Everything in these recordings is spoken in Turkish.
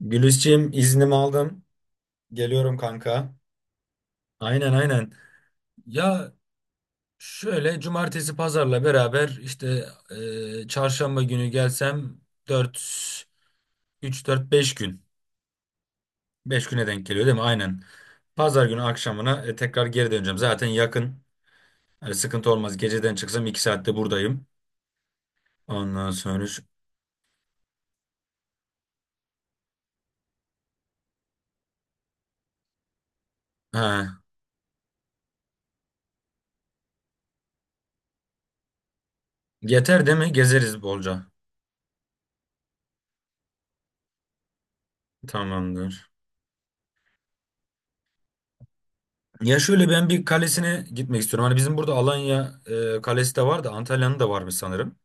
Gülisçiğim iznimi aldım. Geliyorum kanka. Aynen. Ya şöyle cumartesi pazarla beraber işte çarşamba günü gelsem 4 3 4 5 gün. 5 güne denk geliyor değil mi? Aynen. Pazar günü akşamına tekrar geri döneceğim. Zaten yakın. Hani sıkıntı olmaz. Geceden çıksam 2 saatte buradayım. Ondan sonra şu- ha, yeter değil mi? Gezeriz bolca. Tamamdır. Ya şöyle ben bir kalesine gitmek istiyorum. Hani bizim burada Alanya kalesi de var da Antalya'nın da varmış sanırım.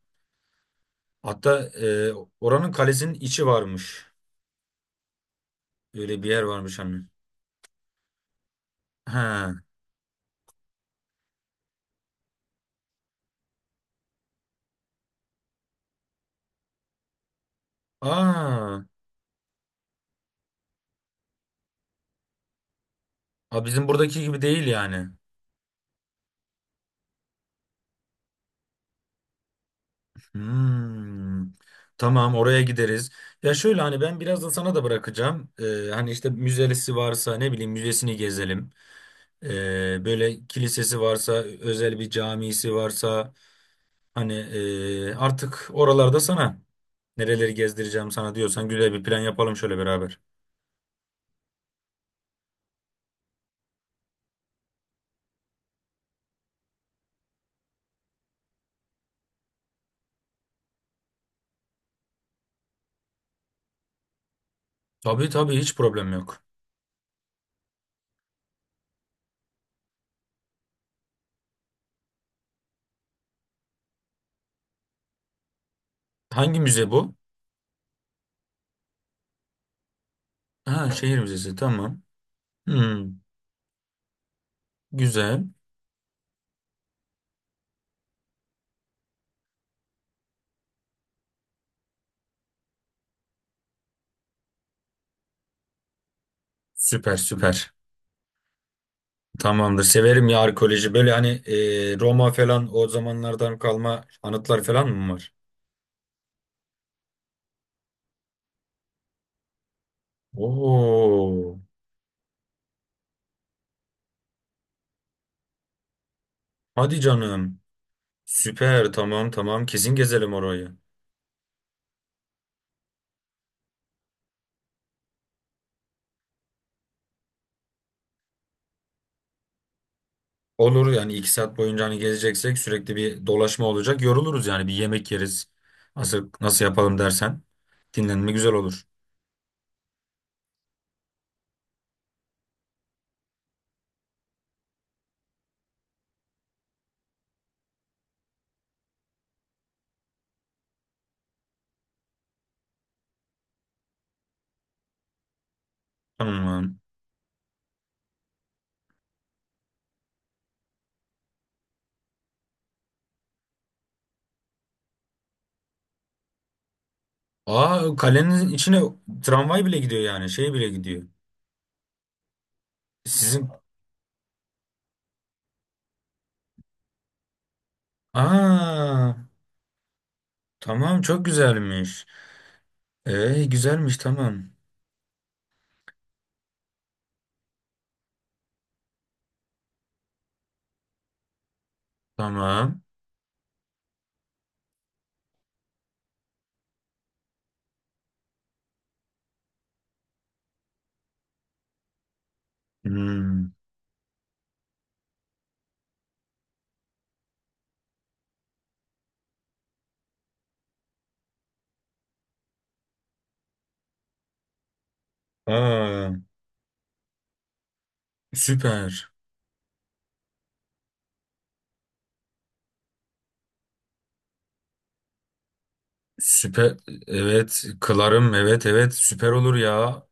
Hatta oranın kalesinin içi varmış. Öyle bir yer varmış hani. Ha. Aa. Ha, bizim buradaki gibi değil yani. Hmm. Tamam oraya gideriz. Ya şöyle hani ben biraz da sana da bırakacağım. E, hani işte müzesi varsa ne bileyim müzesini gezelim. E, böyle kilisesi varsa özel bir camisi varsa hani artık oralarda sana. Nereleri gezdireceğim sana diyorsan güzel bir plan yapalım şöyle beraber. Tabii tabii hiç problem yok. Hangi müze bu? Ha şehir müzesi tamam. Hmm, güzel. Süper süper. Tamamdır. Severim ya arkeoloji. Böyle hani Roma falan o zamanlardan kalma anıtlar falan mı var? Oo. Hadi canım. Süper tamam tamam kesin gezelim orayı. Olur yani iki saat boyunca hani gezeceksek sürekli bir dolaşma olacak. Yoruluruz yani bir yemek yeriz. Nasıl yapalım dersen dinlenme güzel olur. Tamam. Aa kalenin içine tramvay bile gidiyor yani şey bile gidiyor. Sizin aa tamam çok güzelmiş. Güzelmiş tamam. Tamam. Hmm. Aa süper. Süper evet kılarım evet evet süper olur ya.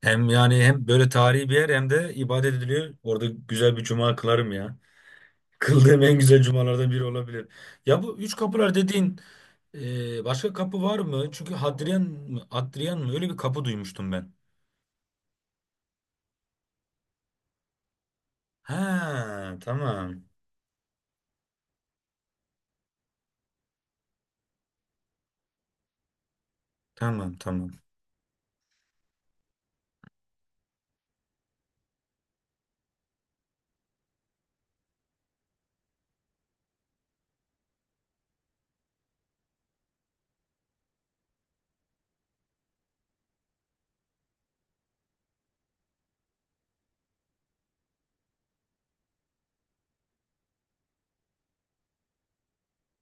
Hem yani hem böyle tarihi bir yer hem de ibadet ediliyor. Orada güzel bir cuma kılarım ya. Kıldığım en güzel cumalardan biri olabilir. Ya bu üç kapılar dediğin başka kapı var mı? Çünkü Hadrian mı? Hadrian mı? Öyle bir kapı duymuştum ben. Ha tamam. Tamam tamam.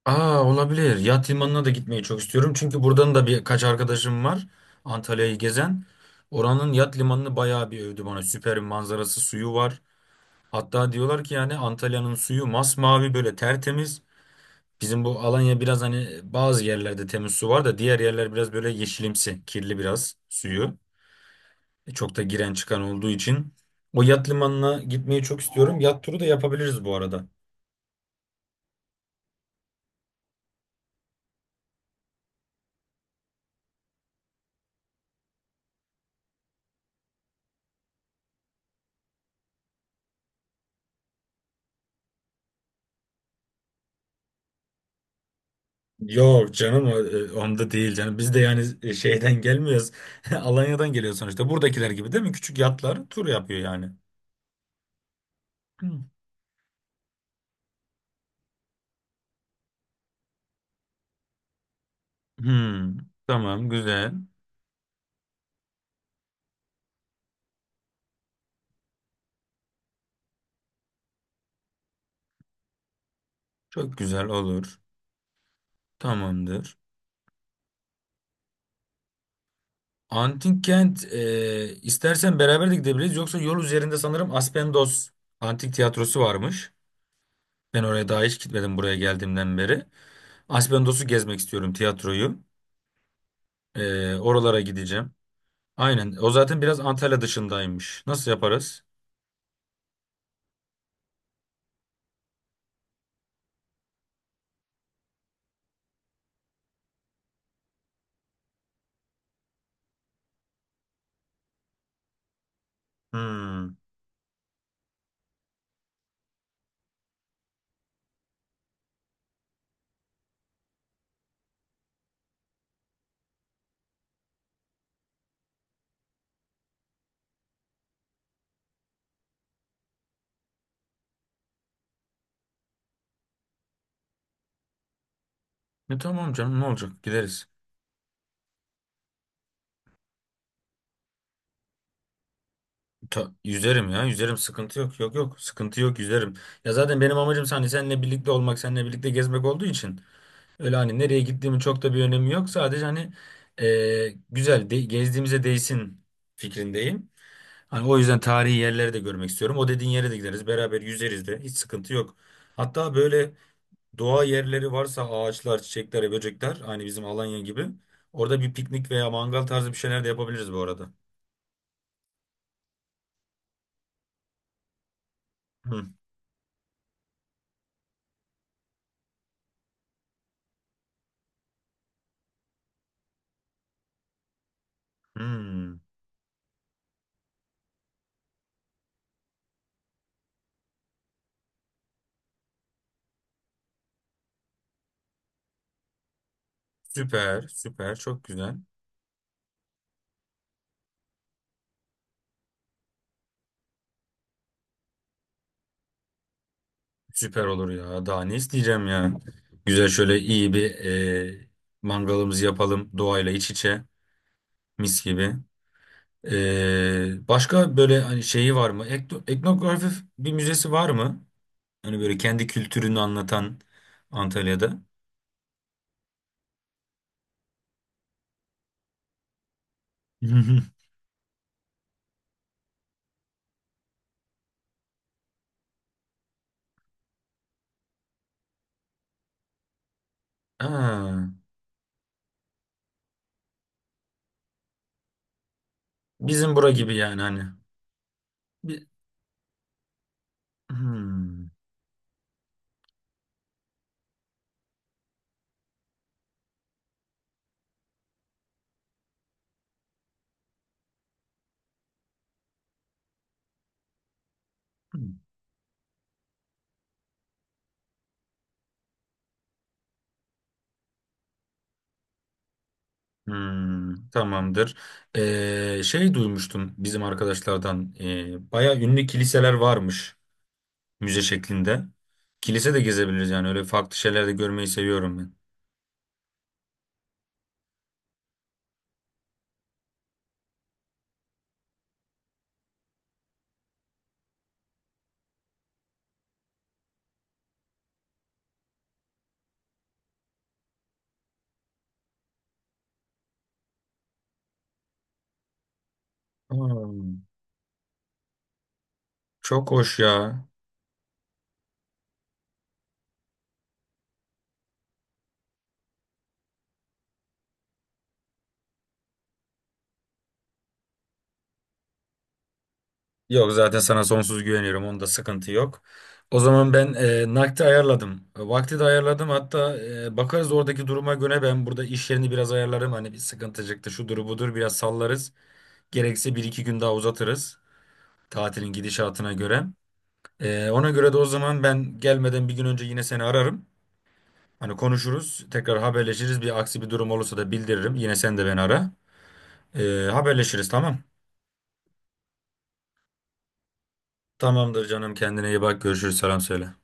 Aa olabilir. Yat limanına da gitmeyi çok istiyorum. Çünkü buradan da birkaç arkadaşım var. Antalya'yı gezen. Oranın yat limanını bayağı bir övdü bana. Süper bir manzarası, suyu var. Hatta diyorlar ki yani Antalya'nın suyu masmavi böyle tertemiz. Bizim bu Alanya biraz hani bazı yerlerde temiz su var da diğer yerler biraz böyle yeşilimsi, kirli biraz suyu. E, çok da giren çıkan olduğu için. O yat limanına gitmeyi çok istiyorum. Yat turu da yapabiliriz bu arada. Yok canım onda değil canım. Biz de yani şeyden gelmiyoruz. Alanya'dan geliyor sonuçta. Buradakiler gibi değil mi? Küçük yatlar tur yapıyor yani. Hmm. Hmm, tamam güzel. Çok güzel olur. Tamamdır. Antik kent istersen beraber de gidebiliriz. Yoksa yol üzerinde sanırım Aspendos Antik Tiyatrosu varmış. Ben oraya daha hiç gitmedim buraya geldiğimden beri. Aspendos'u gezmek istiyorum tiyatroyu. Oralara gideceğim. Aynen. O zaten biraz Antalya dışındaymış. Nasıl yaparız? Hmm. E, tamam canım ne olacak gideriz. Yüzerim ya yüzerim sıkıntı yok yok yok sıkıntı yok yüzerim. Ya zaten benim amacım hani seninle birlikte olmak seninle birlikte gezmek olduğu için. Öyle hani nereye gittiğimin çok da bir önemi yok. Sadece hani güzel de, gezdiğimize değsin fikrindeyim. Hani o yüzden tarihi yerleri de görmek istiyorum. O dediğin yere de gideriz. Beraber yüzeriz de. Hiç sıkıntı yok. Hatta böyle doğa yerleri varsa ağaçlar, çiçekler, böcekler aynı bizim Alanya gibi. Orada bir piknik veya mangal tarzı bir şeyler de yapabiliriz bu arada. Hı. Hmm. Süper, süper. Çok güzel. Süper olur ya. Daha ne isteyeceğim ya. Güzel şöyle iyi bir e, mangalımızı yapalım. Doğayla iç içe. Mis gibi. E, başka böyle hani şeyi var mı? Etnografi bir müzesi var mı? Hani böyle kendi kültürünü anlatan Antalya'da. Aa, bizim bura gibi yani hani. Bir, hmm. Hmm, tamamdır. E, şey duymuştum bizim arkadaşlardan. E, baya ünlü kiliseler varmış. Müze şeklinde. Kilise de gezebiliriz yani öyle farklı şeyler de görmeyi seviyorum ben. Hmm, çok hoş ya. Yok zaten sana sonsuz güveniyorum. Onda sıkıntı yok. O zaman ben nakdi ayarladım. E, vakti de ayarladım. Hatta bakarız oradaki duruma göre ben burada iş yerini biraz ayarlarım. Hani bir sıkıntı çıktı şudur budur biraz sallarız. Gerekse bir iki gün daha uzatırız. Tatilin gidişatına göre. E, ona göre de o zaman ben gelmeden bir gün önce yine seni ararım. Hani konuşuruz, tekrar haberleşiriz. Bir aksi bir durum olursa da bildiririm. Yine sen de beni ara. Haberleşiriz tamam. Tamamdır canım kendine iyi bak. Görüşürüz selam söyle.